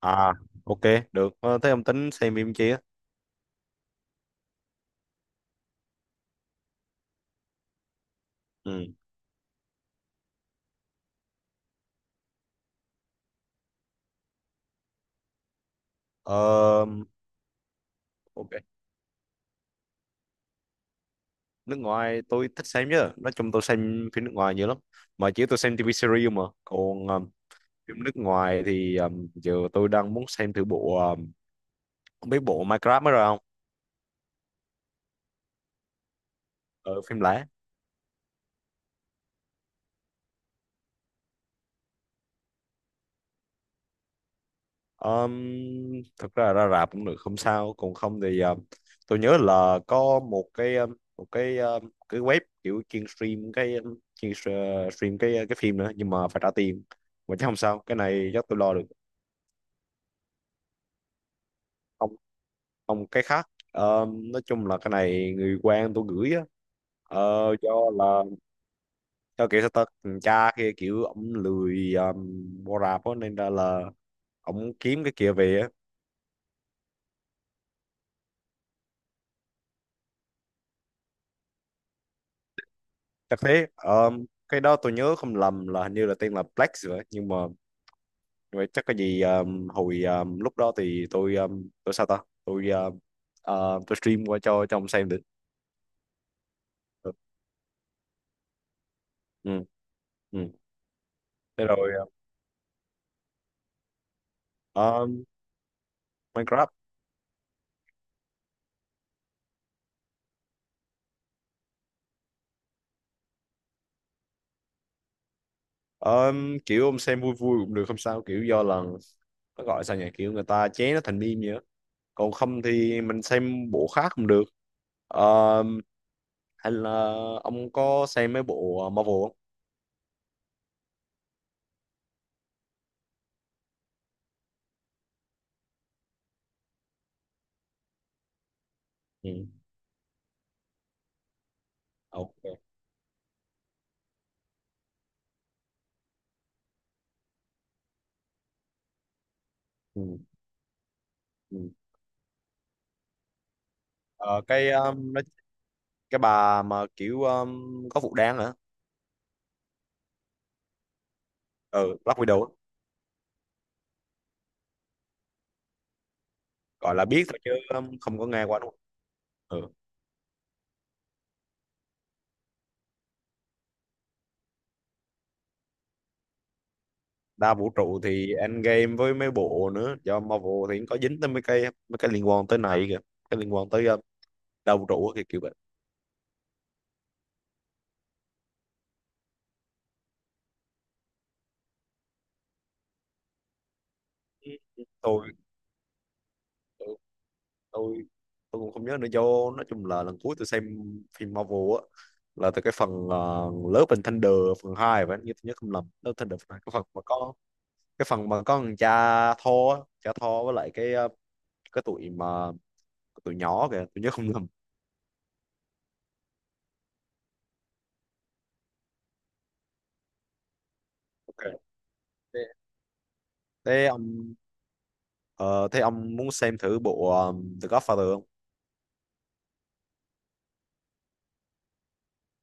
À, ok, được. Ờ, thế ông tính xem phim chi á? Ừ. Ờ, ok. Nước ngoài tôi thích xem chứ. Nói chung tôi xem phim nước ngoài nhiều lắm. Mà chỉ tôi xem TV series mà. Còn phim nước ngoài thì giờ tôi đang muốn xem thử bộ, không biết bộ Minecraft mới rồi không? Ờ, phim lẻ. Um, thật ra ra rạp cũng được, không sao. Còn không thì tôi nhớ là có một một cái ờ, cái web kiểu chuyên stream cái ờ, chuyên s- ờ, stream cái phim nữa, nhưng mà phải trả tiền mà, chứ không sao, cái này chắc tôi lo được. Không, không, cái khác. Ờ, nói chung là cái này người quen tôi gửi á. Ờ, do là do kiểu sao ta, thằng cha kia kiểu ổng lười mua rạp á, nên ra là ổng kiếm cái kia về á. Thật thế, cái đó tôi nhớ không lầm là hình như là tên là Black rồi ấy. Nhưng mà chắc cái gì hồi lúc đó thì tôi sao ta tôi ờ, tôi stream qua cho ông xem được. Ừ, ừ, ừ. Thế rồi. um, Minecraft. Kiểu ông xem vui vui cũng được không sao, kiểu do là nó gọi sao nhỉ, kiểu người ta chế nó thành meme vậy á. Còn không thì mình xem bộ khác cũng được. um, hay là ông có xem mấy bộ Marvel không? Ừ. Ok. Ừ. Ừ. Ờ, cái nó, cái bà mà kiểu, có vụ đáng hả? Ừ, Black Widow á. Gọi là biết thôi chứ không có nghe qua đâu. Ừ. Đa vũ trụ thì Endgame với mấy bộ nữa, do Marvel thì cũng có dính tới mấy cái liên quan tới này kìa, cái liên quan tới đa vũ trụ thì kiểu vậy. Ừ. Tôi tôi tôi tôi cũng không nhớ nữa, do nói chung là lần cuối tôi xem phim Marvel á là từ cái phần Love and Thunder phần 2 vậy, nếu tôi nhớ không lầm. Love and Thunder phần hai, cái phần mà có thằng cha thô, á, cha thô với lại cái cái tụi mà cái tụi nhỏ kìa, tôi nhớ không nhầm. Ok. Thế thế ông ờ, thế ông muốn xem thử bộ The Godfather không?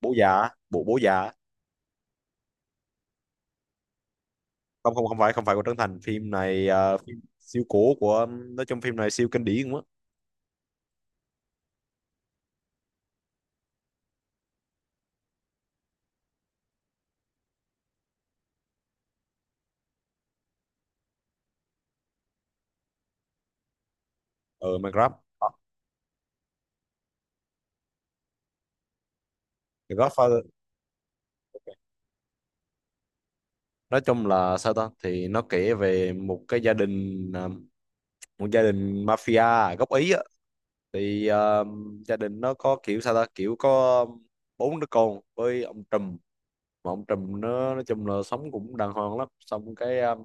Bố già á, bộ bố già á. Không, không, không phải của Trấn Thành. Phim này phim siêu cổ, của nói chung phim này siêu kinh điển quá. Ở ừ mà. The Godfather nói chung là sao ta, thì nó kể về một gia đình mafia gốc Ý á. Thì gia đình nó có kiểu sao ta, kiểu có bốn đứa con với ông Trùm, mà ông Trùm nó nói chung là sống cũng đàng hoàng lắm,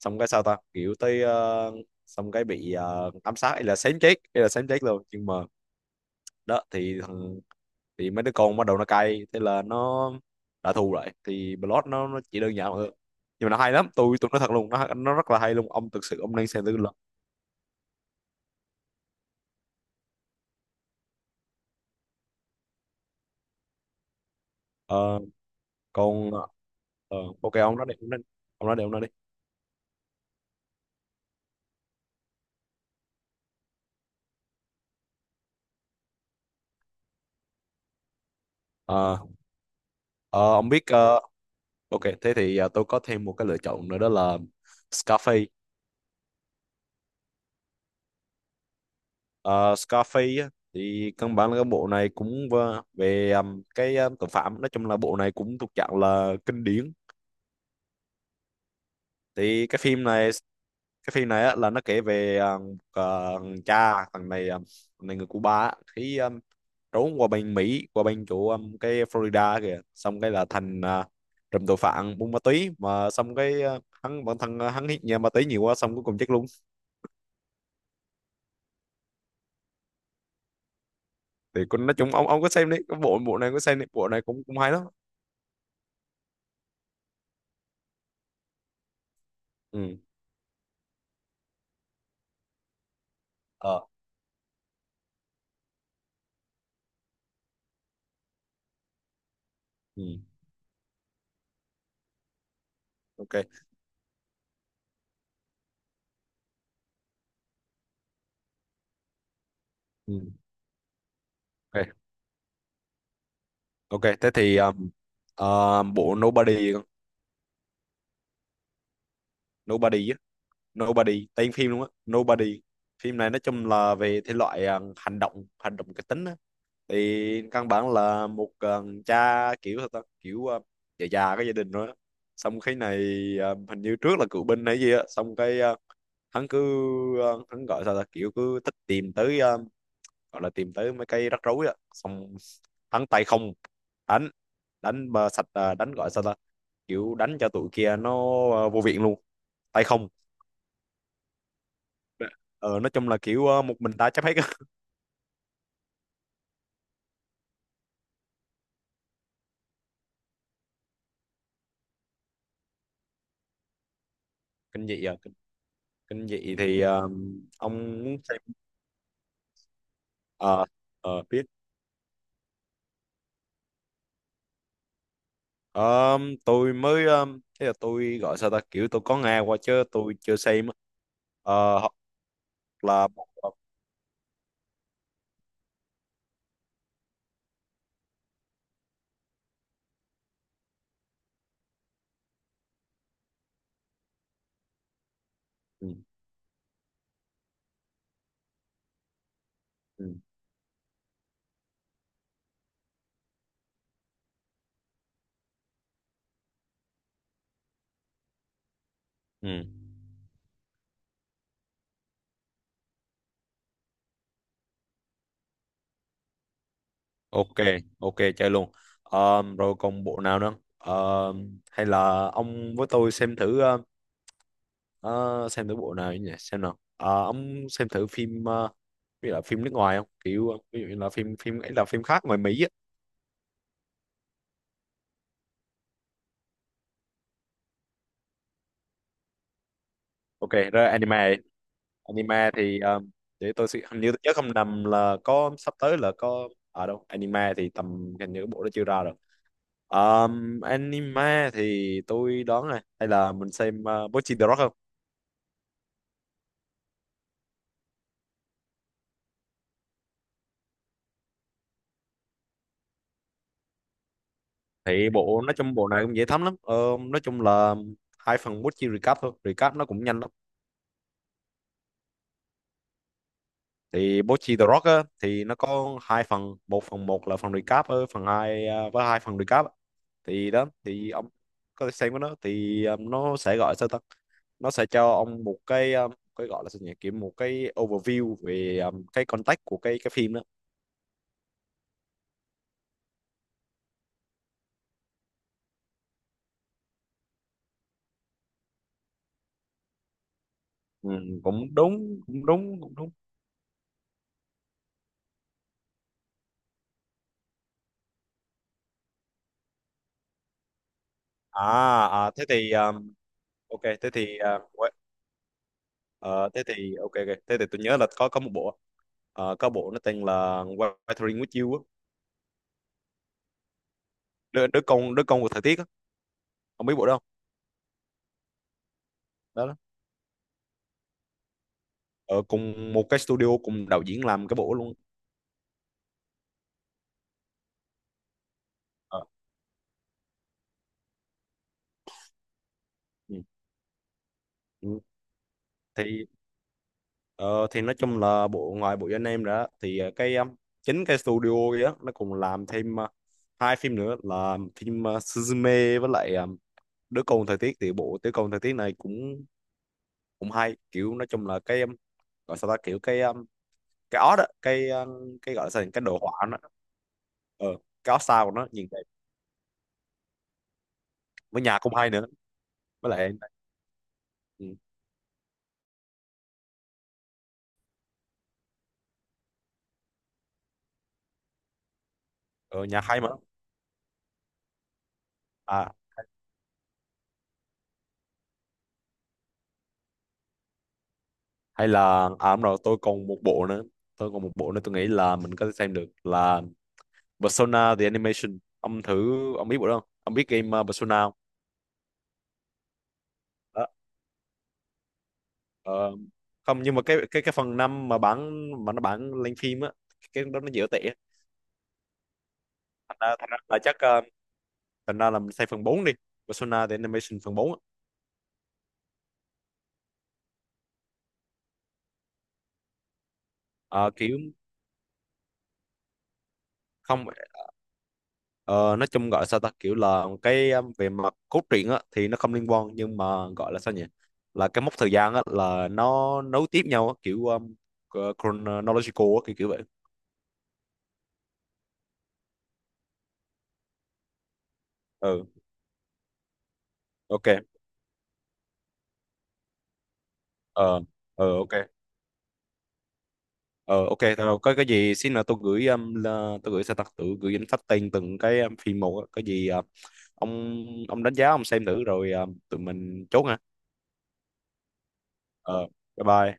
xong cái sao ta, kiểu tới xong cái bị ám sát, hay là xém chết luôn, nhưng mà đó thì thì mấy đứa con bắt đầu nó cay, thế là nó trả thù lại, thì Blood nó chỉ đơn giản thôi, nhưng mà nó hay lắm. Tôi nói thật luôn, nó rất là hay luôn, ông thực sự ông nên xem thử là. Ờ, còn ờ, ờ, ok, ông nói đi, ông nói, đi, ông nói đi, ông nói đi. Ờ, Ờ, ông biết, ok thế thì, tôi có thêm một cái lựa chọn nữa đó là Scarface. Ờ, Scarface á, thì căn bản là cái bộ này cũng về cái tội phạm, nói chung là bộ này cũng thuộc dạng là kinh điển. Thì cái phim này á, là nó kể về một, thằng này người Cuba á, khi trốn qua bên Mỹ, qua bên chỗ cái Florida kìa, xong cái là thành trùm tội phạm buôn ma túy mà. Xong cái hắn bản thân, hắn hít nhà ma túy nhiều quá, xong cuối cùng chết luôn. Thì con nói chung, ông có xem đấy, cái bộ bộ này có xem đấy, bộ này cũng cũng hay lắm. Ừ. Ờ. Ừ. Ok. Ừ. Ok, ok, thế thì bộ Nobody con. Nobody á. Nobody tên phim luôn á, Nobody. Phim này nói chung là về thể loại hành động, kịch tính á. Thì căn bản là một cha kiểu sao ta, kiểu già già, có gia đình rồi á. Xong cái này hình như trước là cựu binh hay gì á. Xong cái hắn cứ, hắn gọi sao ta, kiểu cứ thích tìm tới, gọi là tìm tới mấy cái rắc rối á. Xong thắng tay không, đánh, đánh mà sạch, đánh gọi sao ta, kiểu đánh cho tụi kia nó, vô viện luôn, tay không. Ờ, nói chung là kiểu, à, một mình ta chấp hết á. Kinh dị à, kinh dị thì, à, ông muốn xem. Ờ. Ờ, biết. Ờ, tôi mới ờ, thế là tôi gọi sao ta, kiểu tôi có nghe qua chứ tôi chưa xem á. Ờ, hoặc là. Ừ, ừ, ừ. Ok, ok, chơi luôn. Rồi còn bộ nào nữa? Hay là ông với tôi xem thử ờ, xem thử bộ nào nhỉ? Xem nào. Ờ, ông xem thử phim, ví dụ là phim nước ngoài không? Kiểu ví dụ như là phim, ấy là phim khác ngoài Mỹ á. Ok, rồi anime. Anime thì để tôi sẽ, hình như tôi nhớ không nhầm là có sắp tới là có ở, đâu anime thì tầm, hình như cái bộ đó chưa ra rồi. Anime thì tôi đoán này, hay là mình xem Bocchi the Rock không? Thì bộ nói chung bộ này cũng dễ thấm lắm. Ờ, nói chung là hai phần Bochi recap thôi, recap nó cũng nhanh lắm. Thì Bochi The Rock á, thì nó có hai phần, một phần một là phần recap, phần hai, với hai phần recap á. Thì đó thì ông có thể xem cái đó, thì nó sẽ gọi sao ta, nó sẽ cho ông một cái, cái gọi là sao nhỉ, kiểu một cái overview về, cái context của cái phim đó. Ừ, cũng đúng, cũng đúng, cũng đúng. À, à thế thì, ok thế thì, Ờ, thế thì ok, ok, thế thì tôi nhớ là có một bộ, có bộ nó tên là Weathering with You á. Đứa con của thời tiết á. Không biết bộ đó không? Đó, đó. Ờ, cùng một cái studio, cùng đạo diễn làm cái bộ luôn. Ờ, ừ, ừ. thì ờ, thì nói chung là bộ ngoài bộ anh em ra thì cái chính cái studio kia á, nó cùng làm thêm hai phim nữa là phim Suzume với lại đứa con thời tiết. Thì bộ đứa con thời tiết này cũng cũng hay, kiểu nói chung là cái, gọi sao ta, kiểu cái ót á, cái cái gọi là sao nhỉ? Cái đồ họa nó, ờ cái ót sao của nó nhìn đẹp, với nhà cũng hay nữa, với lại ừ, ờ, nhà hay mà. À, hay là à, đúng rồi, tôi còn một bộ nữa, tôi còn một bộ nữa tôi nghĩ là mình có thể xem được là Persona the Animation. Ông biết bộ đó không? Ông biết game, Persona không? Đó. ờ, không, nhưng mà cái phần năm, mà bản mà nó bản lên phim á, cái đó nó dở tệ á. Thành ra thành ra là chắc ờ, thành ra là mình xem phần 4 đi. Persona the Animation phần bốn á. Ờ, kiểu không. Ờ, nói chung gọi sao ta, kiểu là cái, về mặt cốt truyện á thì nó không liên quan, nhưng mà gọi là sao nhỉ, là cái mốc thời gian á là nó nối tiếp nhau á, kiểu chronological á, kiểu kiểu vậy. Ừ. Ok. Ờ. Ờ. Ok. Ờ. Ok thôi, đâu, có cái gì xin là tôi gửi sao ta, tự gửi danh sách tên từng cái, phim một á. Cái gì ông ông đánh giá, ông xem thử rồi, tụi mình chốt nha. Ờ. Bye bye.